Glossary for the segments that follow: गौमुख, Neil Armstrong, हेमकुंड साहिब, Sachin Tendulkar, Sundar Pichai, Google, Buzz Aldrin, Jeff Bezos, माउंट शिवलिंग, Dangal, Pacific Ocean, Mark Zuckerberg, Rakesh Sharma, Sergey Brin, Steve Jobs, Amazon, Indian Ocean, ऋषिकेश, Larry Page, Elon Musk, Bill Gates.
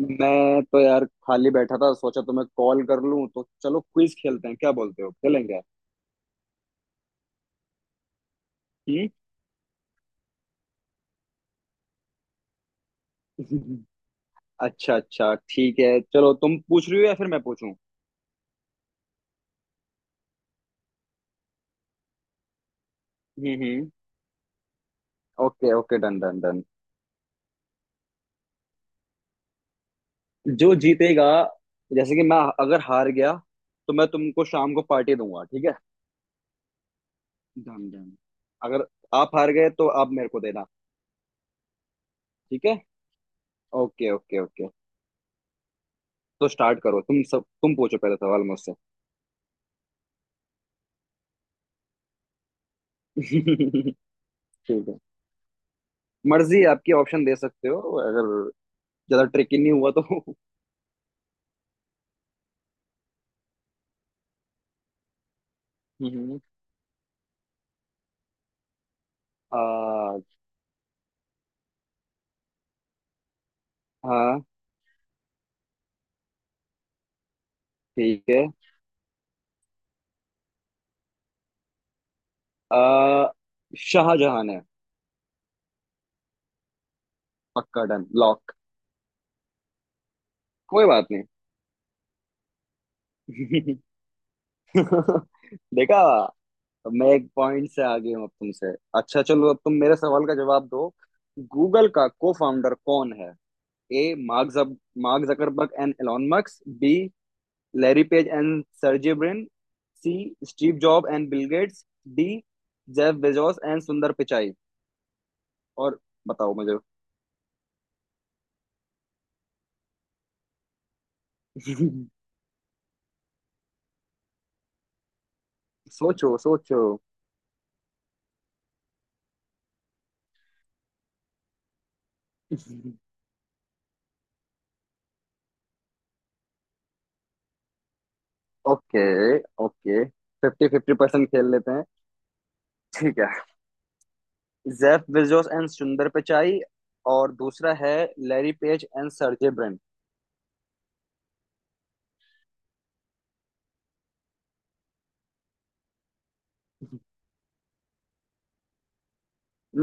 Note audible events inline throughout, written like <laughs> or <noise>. मैं तो यार खाली बैठा था, सोचा तुम्हें कॉल कर लूं, तो चलो क्विज खेलते हैं। क्या बोलते हो, खेलेंगे? हम्म। <laughs> अच्छा अच्छा, ठीक है। चलो, तुम पूछ रही हो या फिर मैं पूछूं? हम्म। Okay okay, done done done. जो जीतेगा, जैसे कि मैं अगर हार गया तो मैं तुमको शाम को पार्टी दूंगा, ठीक है। Done done. अगर आप हार गए तो आप मेरे को देना। ठीक है। Okay okay okay. तो स्टार्ट करो। तुम सब तुम पूछो पहले सवाल मुझसे। <laughs> ठीक है। मर्जी है, आपकी। ऑप्शन दे सकते हो अगर ज्यादा ट्रिकी नहीं हुआ तो। हम्म। आ, हाँ ठीक है। आ, शाहजहां है। पक्का, डन लॉक। कोई बात नहीं। <laughs> देखा। मैं एक पॉइंट से आगे हूँ अब तुमसे। अच्छा चलो, अब तुम मेरे सवाल का जवाब दो। गूगल का को फाउंडर कौन है? ए मार्क जब Mark Zuckerberg and Elon Musk, B Larry Page and Sergey Brin, C Steve Job and Bill Gates, D Jeff Bezos and Sundar Pichai. और बताओ मुझे। <laughs> सोचो सोचो। Okay okay. Fifty fifty percent खेल लेते हैं। ठीक है। Jeff Bezos and Sundar Pichai, और दूसरा है Larry Page and Sergey Brin.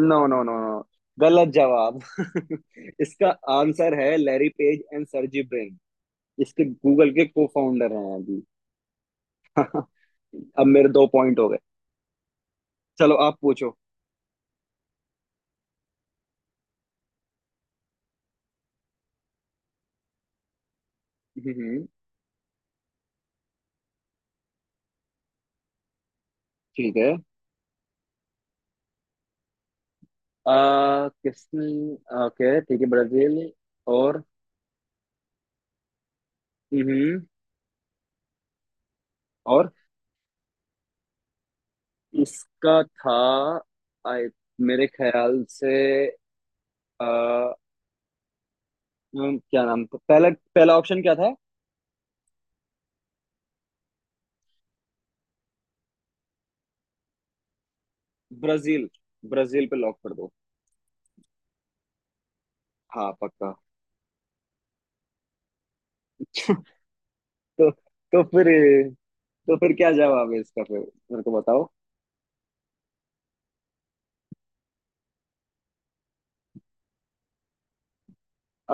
No no no no, गलत जवाब। <laughs> इसका आंसर है Larry Page and Sergey Brin. इसके गूगल के को फाउंडर हैं अभी। <laughs> अब मेरे दो पॉइंट हो गए। चलो, आप पूछो। हम्म, हम्म। ठीक है। किसने? ओके ठीक है, ब्राजील। और। हम्म। और इसका था, आई मेरे ख्याल से, आ, क्या नाम था पहला? पहला ऑप्शन क्या था? ब्राजील। ब्राजील पे लॉक कर दो। हाँ पक्का। तो तो फिर तो फिर क्या जवाब है इसका? फिर मेरे को बताओ।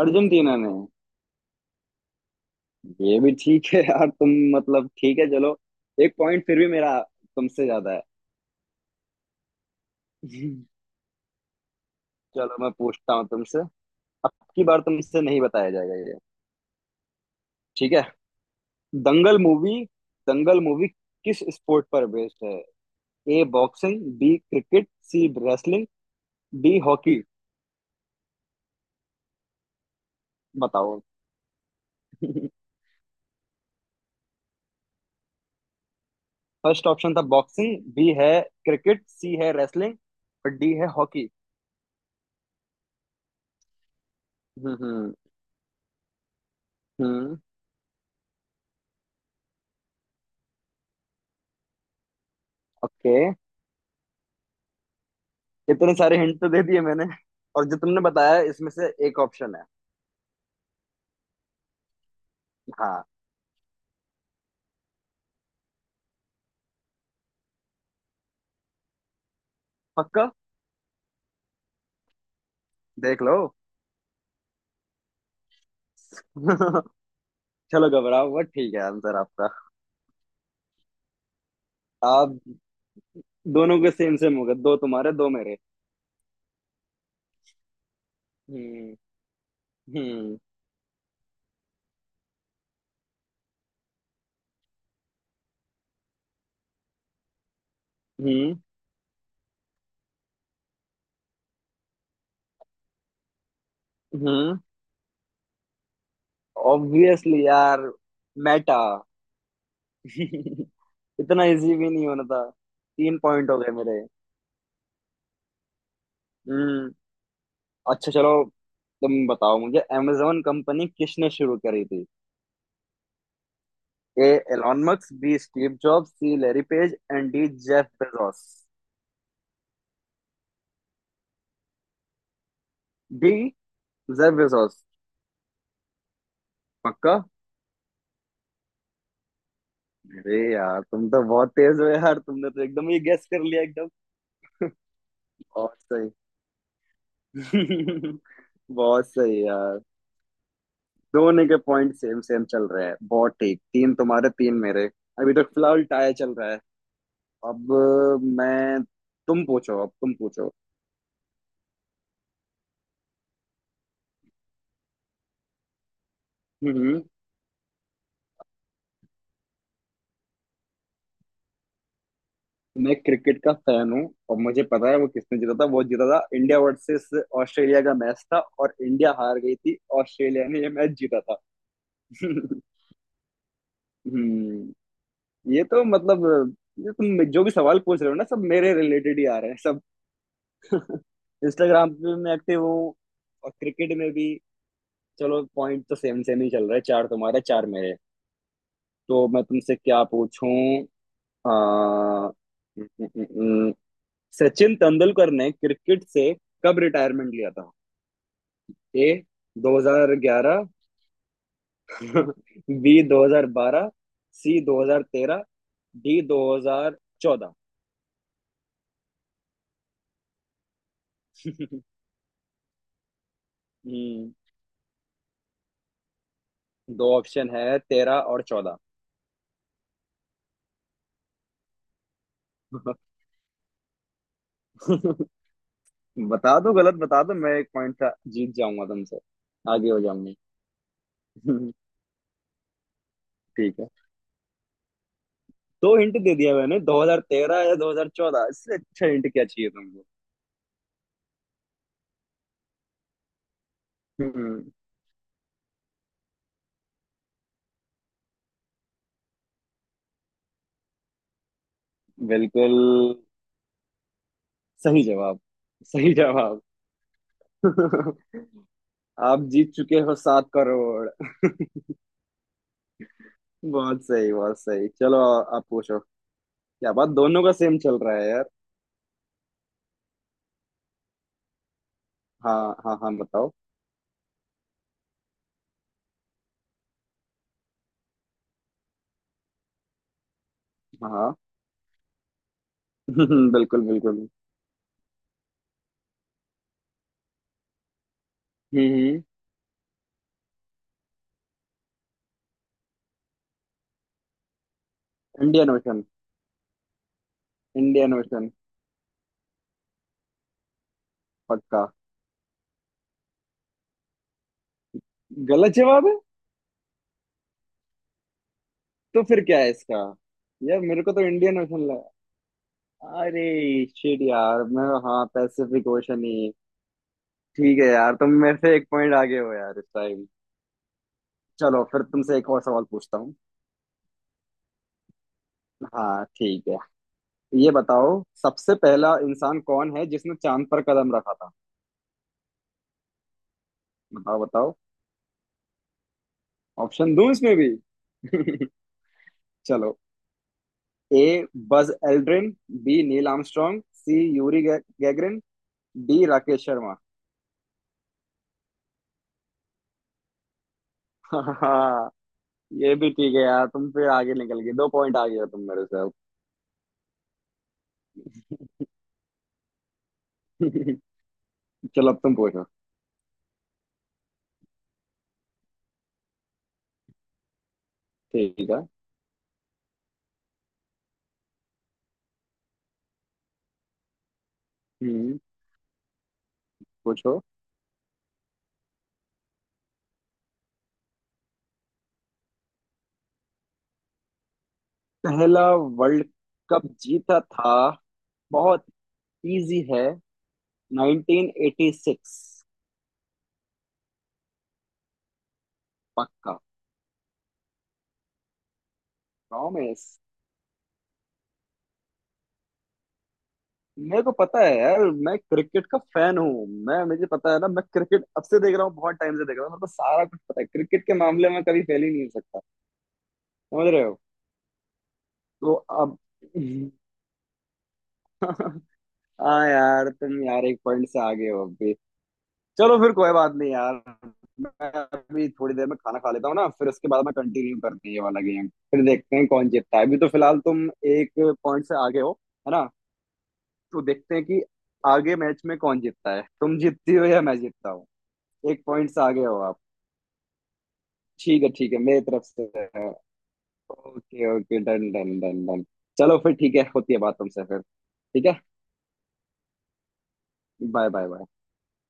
अर्जेंटीना ने। ये भी ठीक है यार तुम। मतलब, ठीक है चलो। एक पॉइंट फिर भी मेरा तुमसे ज्यादा है। <laughs> चलो, मैं पूछता हूँ तुमसे। अब की बार तुमसे नहीं बताया जाएगा ये, ठीक है? दंगल मूवी दंगल मूवी किस स्पोर्ट पर बेस्ड है? A boxing, B cricket, C wrestling, D hockey. बताओ। <laughs> फर्स्ट ऑप्शन था बॉक्सिंग, बी है क्रिकेट, सी है रेसलिंग, और डी है हॉकी। हम्म हम्म हम्म। ओके। इतने सारे हिंट तो दे दिए मैंने, और जो तुमने बताया इसमें से एक ऑप्शन है। हाँ पक्का, देख लो। <laughs> चलो, घबराओ मत। ठीक है, आंसर आपका। आप दोनों के सेम सेम हो गए, दो तुम्हारे दो मेरे। हम्म हम्म हम्म हम्म। ऑब्वियसली यार, मेटा। <laughs> इतना इजी भी नहीं होना था। तीन पॉइंट हो गए मेरे। हम्म। अच्छा चलो, तुम बताओ मुझे amazon कंपनी किसने शुरू करी थी? A Elon Musk, B Steve Jobs, C Larry Page, and D Jeff Bezos. D Jeff Bezos. पक्का। अरे यार, तुम तो बहुत तेज हो यार, तुमने तो एकदम ही गेस कर लिया, एकदम। <laughs> बहुत सही। <laughs> बहुत सही यार। दोनों के पॉइंट सेम सेम चल रहे हैं, बहुत ठीक, तीन तुम्हारे तीन मेरे। अभी तक फिलहाल टाई चल रहा है। अब मैं, तुम पूछो अब तुम पूछो। हम्म। मैं क्रिकेट का फैन हूँ और मुझे पता है वो किसने जीता था। वो जीता था, इंडिया वर्सेस ऑस्ट्रेलिया का मैच था और इंडिया हार गई थी, ऑस्ट्रेलिया ने ये मैच जीता था। <laughs> हम्म। ये तो मतलब, ये तुम जो भी सवाल पूछ रहे हो ना, सब मेरे रिलेटेड ही आ रहे हैं सब। <laughs> इंस्टाग्राम पे भी मैं एक्टिव हूँ और क्रिकेट में भी। चलो, पॉइंट तो सेम सेम ही चल रहा है, चार तुम्हारे चार मेरे। तो मैं तुमसे क्या पूछूं? आ, न- न- न- सचिन तेंदुलकर ने क्रिकेट से कब रिटायरमेंट लिया था? A 2011, <laughs> B 2012, C 2013, D 2014। <laughs> हम्म, दो ऑप्शन है, तेरह और चौदह। <laughs> बता दो, गलत बता दो, मैं एक पॉइंट जीत जाऊंगा तुमसे। आगे हो जाऊंगी। <laughs> ठीक है। दो हिंट दे दिया मैंने, 2013 या 2014, इससे अच्छा हिंट क्या चाहिए तुमको? हम्म। बिल्कुल। सही जवाब। सही जवाब। <laughs> आप जीत चुके हो सात करोड़। <laughs> बहुत सही, बहुत सही। चलो, आप पूछो। क्या बात, दोनों का सेम चल रहा है यार। हाँ हाँ हाँ, बताओ। हाँ। <laughs> बिल्कुल बिल्कुल। हम्म। Indian Ocean, Indian Ocean. पक्का। गलत जवाब है। तो फिर क्या है इसका? यार, मेरे को तो इंडियन ओशन... अरे शिट यार। मैं... हाँ, पैसिफिक ओशन ही। ठीक है यार, तुम मेरे से एक पॉइंट आगे हो यार इस टाइम। चलो, फिर तुमसे एक और सवाल पूछता हूँ। हाँ ठीक है। ये बताओ, सबसे पहला इंसान कौन है जिसने चांद पर कदम रखा था? बताओ बताओ। ऑप्शन दूं इसमें भी? <laughs> चलो। A Buzz Aldrin, B Neil Armstrong, C Yuri Gagarin, D Rakesh Sharma. हाँ। <laughs> ये भी ठीक है यार तुम, फिर आगे निकल गए। दो पॉइंट आगे हो तुम मेरे से अब। <laughs> चलो, अब तुम पूछो। ठीक है। हम्म। पूछो। पहला। वर्ल्ड। कप जीता था, बहुत इजी है, 1986। पक्का। प्रॉमिस। मेरे को पता है यार। मैं क्रिकेट का फैन हूँ। मैं, मुझे पता है ना, मैं क्रिकेट अब से देख रहा हूँ, बहुत टाइम से देख रहा हूँ, मेरे को सारा कुछ पता है क्रिकेट के मामले में, कभी फेल ही नहीं हो सकता। समझ रहे हो? तो अब। <laughs> हाँ यार, तुम यार एक पॉइंट से आगे हो। चलो फिर, कोई बात नहीं यार। मैं अभी थोड़ी देर में खाना खा लेता हूँ ना, फिर उसके बाद में कंटिन्यू करते हैं ये वाला गेम। फिर देखते हैं कौन जीतता है। अभी तो फिलहाल तुम एक पॉइंट से आगे हो, है ना? तो देखते हैं कि आगे मैच में कौन जीतता है, तुम जीतती हो या मैं जीतता हूँ। एक पॉइंट से आगे हो आप। ठीक है ठीक है, मेरी तरफ से। Okay okay, done done done done. चलो फिर, ठीक है। होती है बात तुमसे फिर। ठीक है। Bye bye bye.